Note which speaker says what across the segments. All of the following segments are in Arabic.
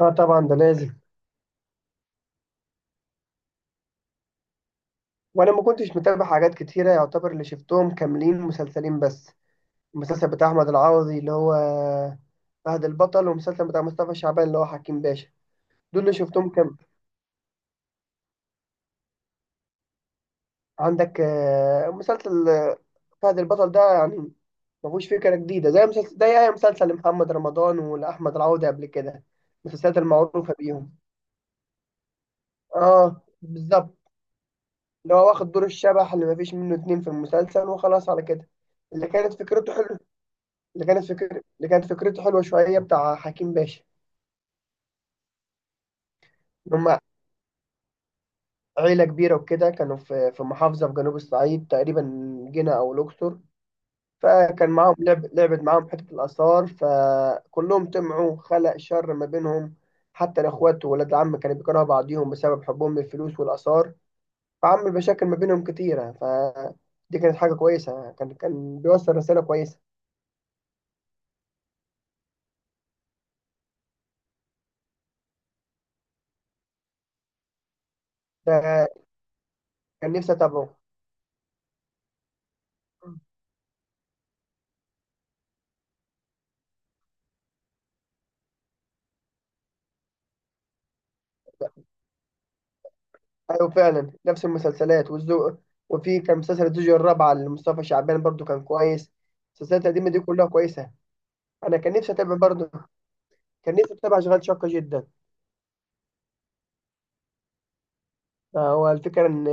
Speaker 1: اه، طبعا ده لازم. وانا ما كنتش متابع حاجات كتيره، يعتبر اللي شفتهم كاملين مسلسلين بس. المسلسل بتاع احمد العوضي اللي هو فهد البطل، والمسلسل بتاع مصطفى شعبان اللي هو حكيم باشا. دول اللي شفتهم كام. عندك مسلسل فهد البطل ده، يعني ما فيهوش فكره جديده زي مسلسل ده، اي مسلسل لمحمد رمضان ولاحمد العوضي قبل كده، المسلسلات المعروفه بيهم. اه، بالظبط. اللي هو واخد دور الشبح اللي ما فيش منه اتنين في المسلسل، وخلاص على كده. اللي كانت فكرته حلوه، اللي كانت فكرته حلوة شوية بتاع حكيم باشا. إن هم عيلة كبيرة وكده، كانوا في محافظة في جنوب الصعيد تقريبا، جنة أو الأقصر. فكان معاهم لعبت معاهم حتة الآثار، فكلهم طمعوا خلق شر ما بينهم، حتى الإخوات وولاد العم كانوا بيكرهوا بعضيهم بسبب حبهم للفلوس والآثار، فعمل مشاكل ما بينهم كتيرة، فدي كانت حاجة كويسة، كان بيوصل رسالة كويسة. فكان نفسي أتابعه. ايوه، فعلا نفس المسلسلات والذوق، وفي كان مسلسل الزوجة الرابعة لمصطفى شعبان برضو، كان كويس. المسلسلات القديمة دي كلها كويسة. انا كان نفسي اتابع برضو، كان نفسي اتابع شغال شاقة جدا. هو الفكرة ان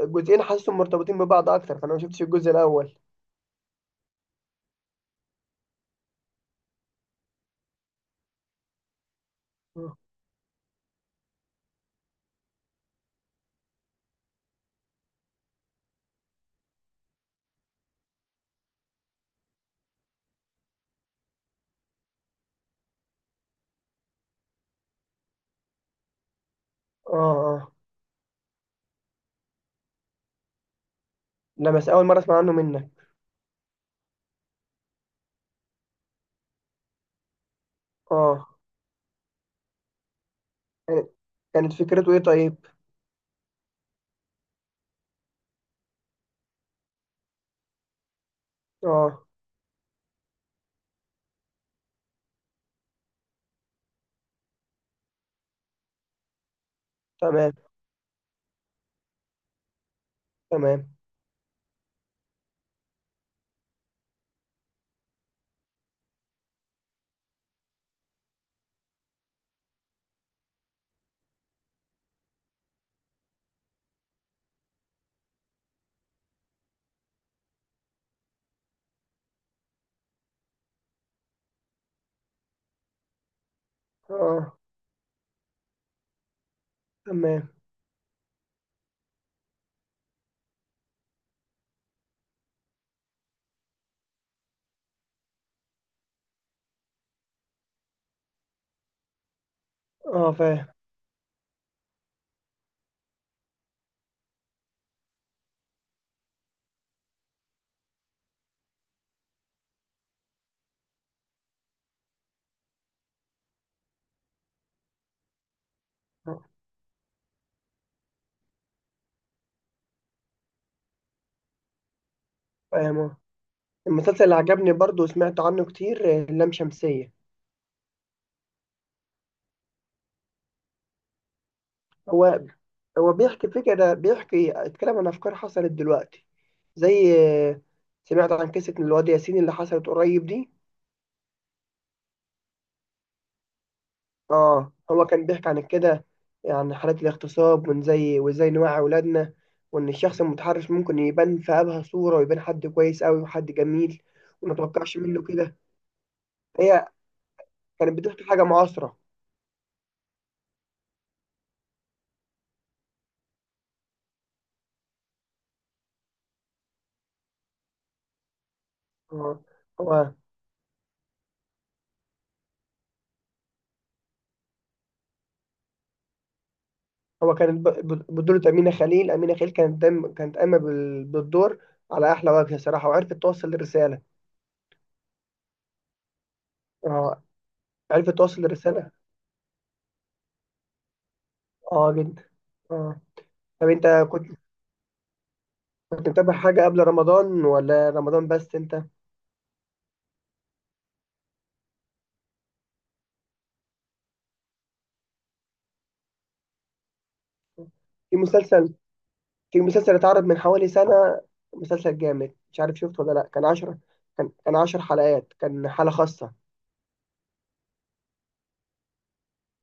Speaker 1: الجزئين حاسسهم مرتبطين ببعض اكتر، فانا ما شفتش الجزء الاول. اه، اه. لا، بس اول مرة اسمع عنه منك. اه. كانت كانت فكرته ايه طيب؟ اه، تمام، تمام. اه، تمام. اه، فاهم، آه، فاهم آه. المسلسل اللي عجبني برضو وسمعت عنه كتير لام شمسية. هو هو بيحكي فكرة، اتكلم عن أفكار حصلت دلوقتي، زي آه، سمعت عن قصة الواد ياسين اللي حصلت قريب دي. اه، هو كان بيحكي عن كده، عن حالات الاغتصاب، وان زي وازاي نوعي أولادنا، وإن الشخص المتحرش ممكن يبان في أبهى صورة، ويبان حد كويس أوي وحد جميل، وما توقعش منه كده. هي كانت بتحكي حاجة معاصرة. اه. هو هو كانت بطولة أمينة خليل، كانت دايما قايمة بالدور على أحلى وجه صراحة، وعرفت توصل الرسالة. اه، عرفت توصل الرسالة. اه، جدا. اه. طب أنت كنت متابع حاجة قبل رمضان ولا رمضان بس أنت؟ في مسلسل في مسلسل اتعرض من حوالي سنة، مسلسل جامد، مش عارف شفته ولا لأ، كان 10 حلقات، كان حالة خاصة.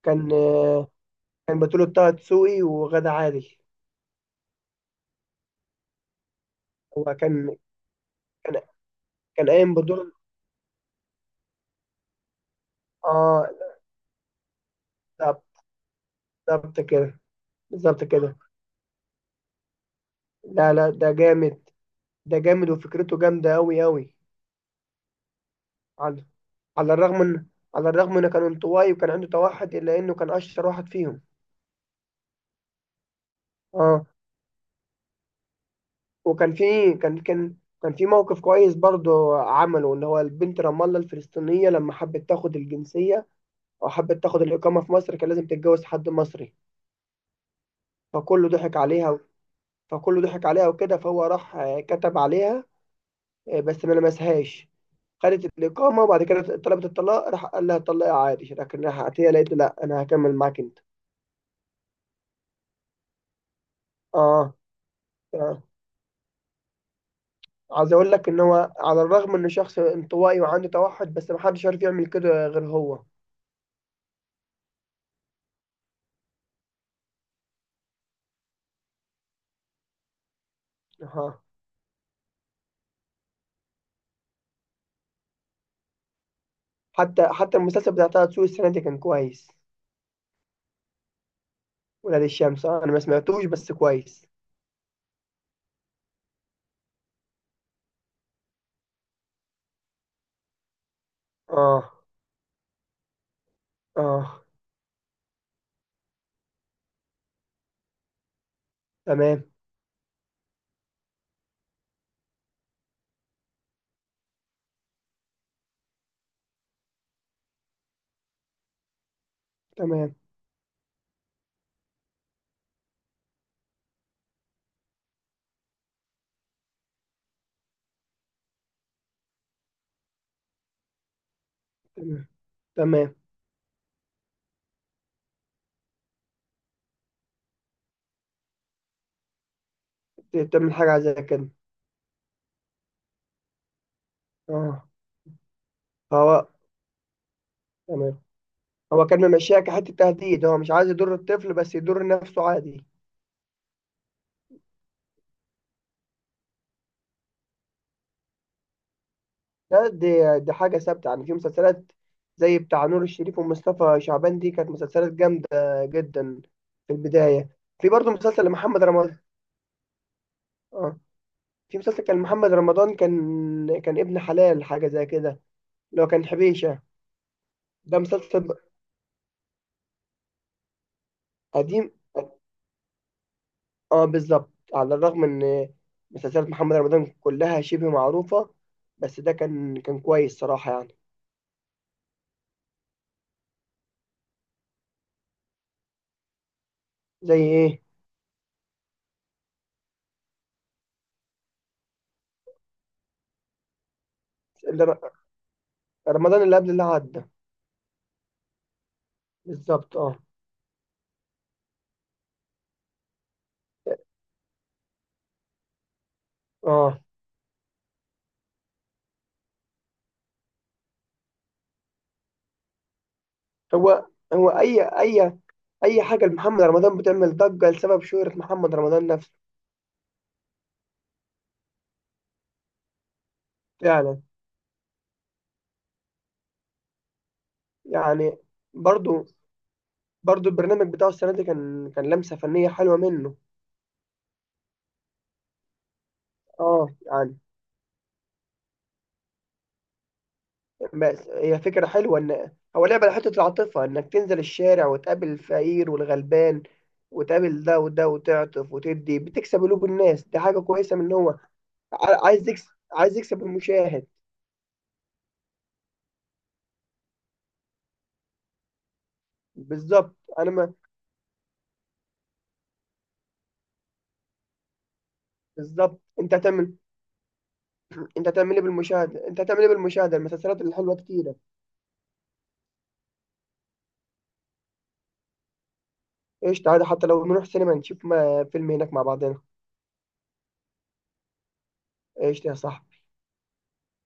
Speaker 1: كان آه، كان بطولة طه دسوقي وغادة عادل. هو كان كان قايم بدور. اه، بالظبط، بالظبط كده، بالظبط كده. لا، لا، ده جامد، ده جامد وفكرته جامدة أوي أوي. على على الرغم إن على الرغم إنه كان انطوائي وكان عنده توحد، إلا إنه كان أشطر واحد فيهم. أه وكان في كان كان كان في موقف كويس برضه عمله، إن هو البنت رام الله الفلسطينية لما حبت تاخد الجنسية، أو حبت تاخد الإقامة في مصر، كان لازم تتجوز حد مصري. فكله ضحك عليها فكله ضحك عليها وكده، فهو راح كتب عليها، بس ما لمسهاش، خدت الإقامة، وبعد كده طلبت الطلاق، راح قال لها طلقي عادي، لكن راح عطية لقيته لا أنا هكمل معاك أنت. آه، آه، عايز أقول لك إن هو على الرغم إنه شخص انطوائي وعنده توحد، بس محدش عارف يعمل كده غير هو. آه. حتى المسلسل بتاع طه دسوقي السنة دي كان كويس. ولاد الشمس، آه، أنا ما سمعتوش بس كويس. آه، آه، تمام، تمام، تمام، تمام. تعمل حاجة زي كده. آه. فهو تمام، هو كان ممشيها كحته تهديد، هو مش عايز يضر الطفل بس يضر نفسه عادي. دي حاجه ثابته يعني في مسلسلات، زي بتاع نور الشريف ومصطفى شعبان، دي كانت مسلسلات جامده جدا. في البدايه، في برضه مسلسل لمحمد رمضان. اه، في مسلسل كان محمد رمضان كان ابن حلال حاجه زي كده، اللي هو كان حبيشه، ده مسلسل قديم. اه، بالظبط، على الرغم ان مسلسلات محمد رمضان كلها شبه معروفه، بس ده كان كويس صراحه يعني. زي ايه؟ رمضان اللي قبل اللي عدى، بالظبط اه. اه، هو هو اي حاجه لمحمد رمضان بتعمل ضجه لسبب شهره محمد رمضان نفسه. فعلا يعني. برضو، برضو البرنامج بتاعه السنه دي كان لمسه فنيه حلوه منه. اه يعني. بس هي فكره حلوه، ان هو لعب على حته العاطفه، انك تنزل الشارع وتقابل الفقير والغلبان، وتقابل ده وده، وتعطف، وتدي، بتكسب قلوب الناس، دي حاجه كويسه من إن هو ع- عايز يكسب عايز يكسب، المشاهد. بالظبط، انا ما بالظبط. انت هتعمل ايه بالمشاهده، المسلسلات الحلوه كتيره. ايش، تعالى حتى لو نروح سينما نشوف ما... فيلم هناك مع بعضنا. ايش يا صاحبي.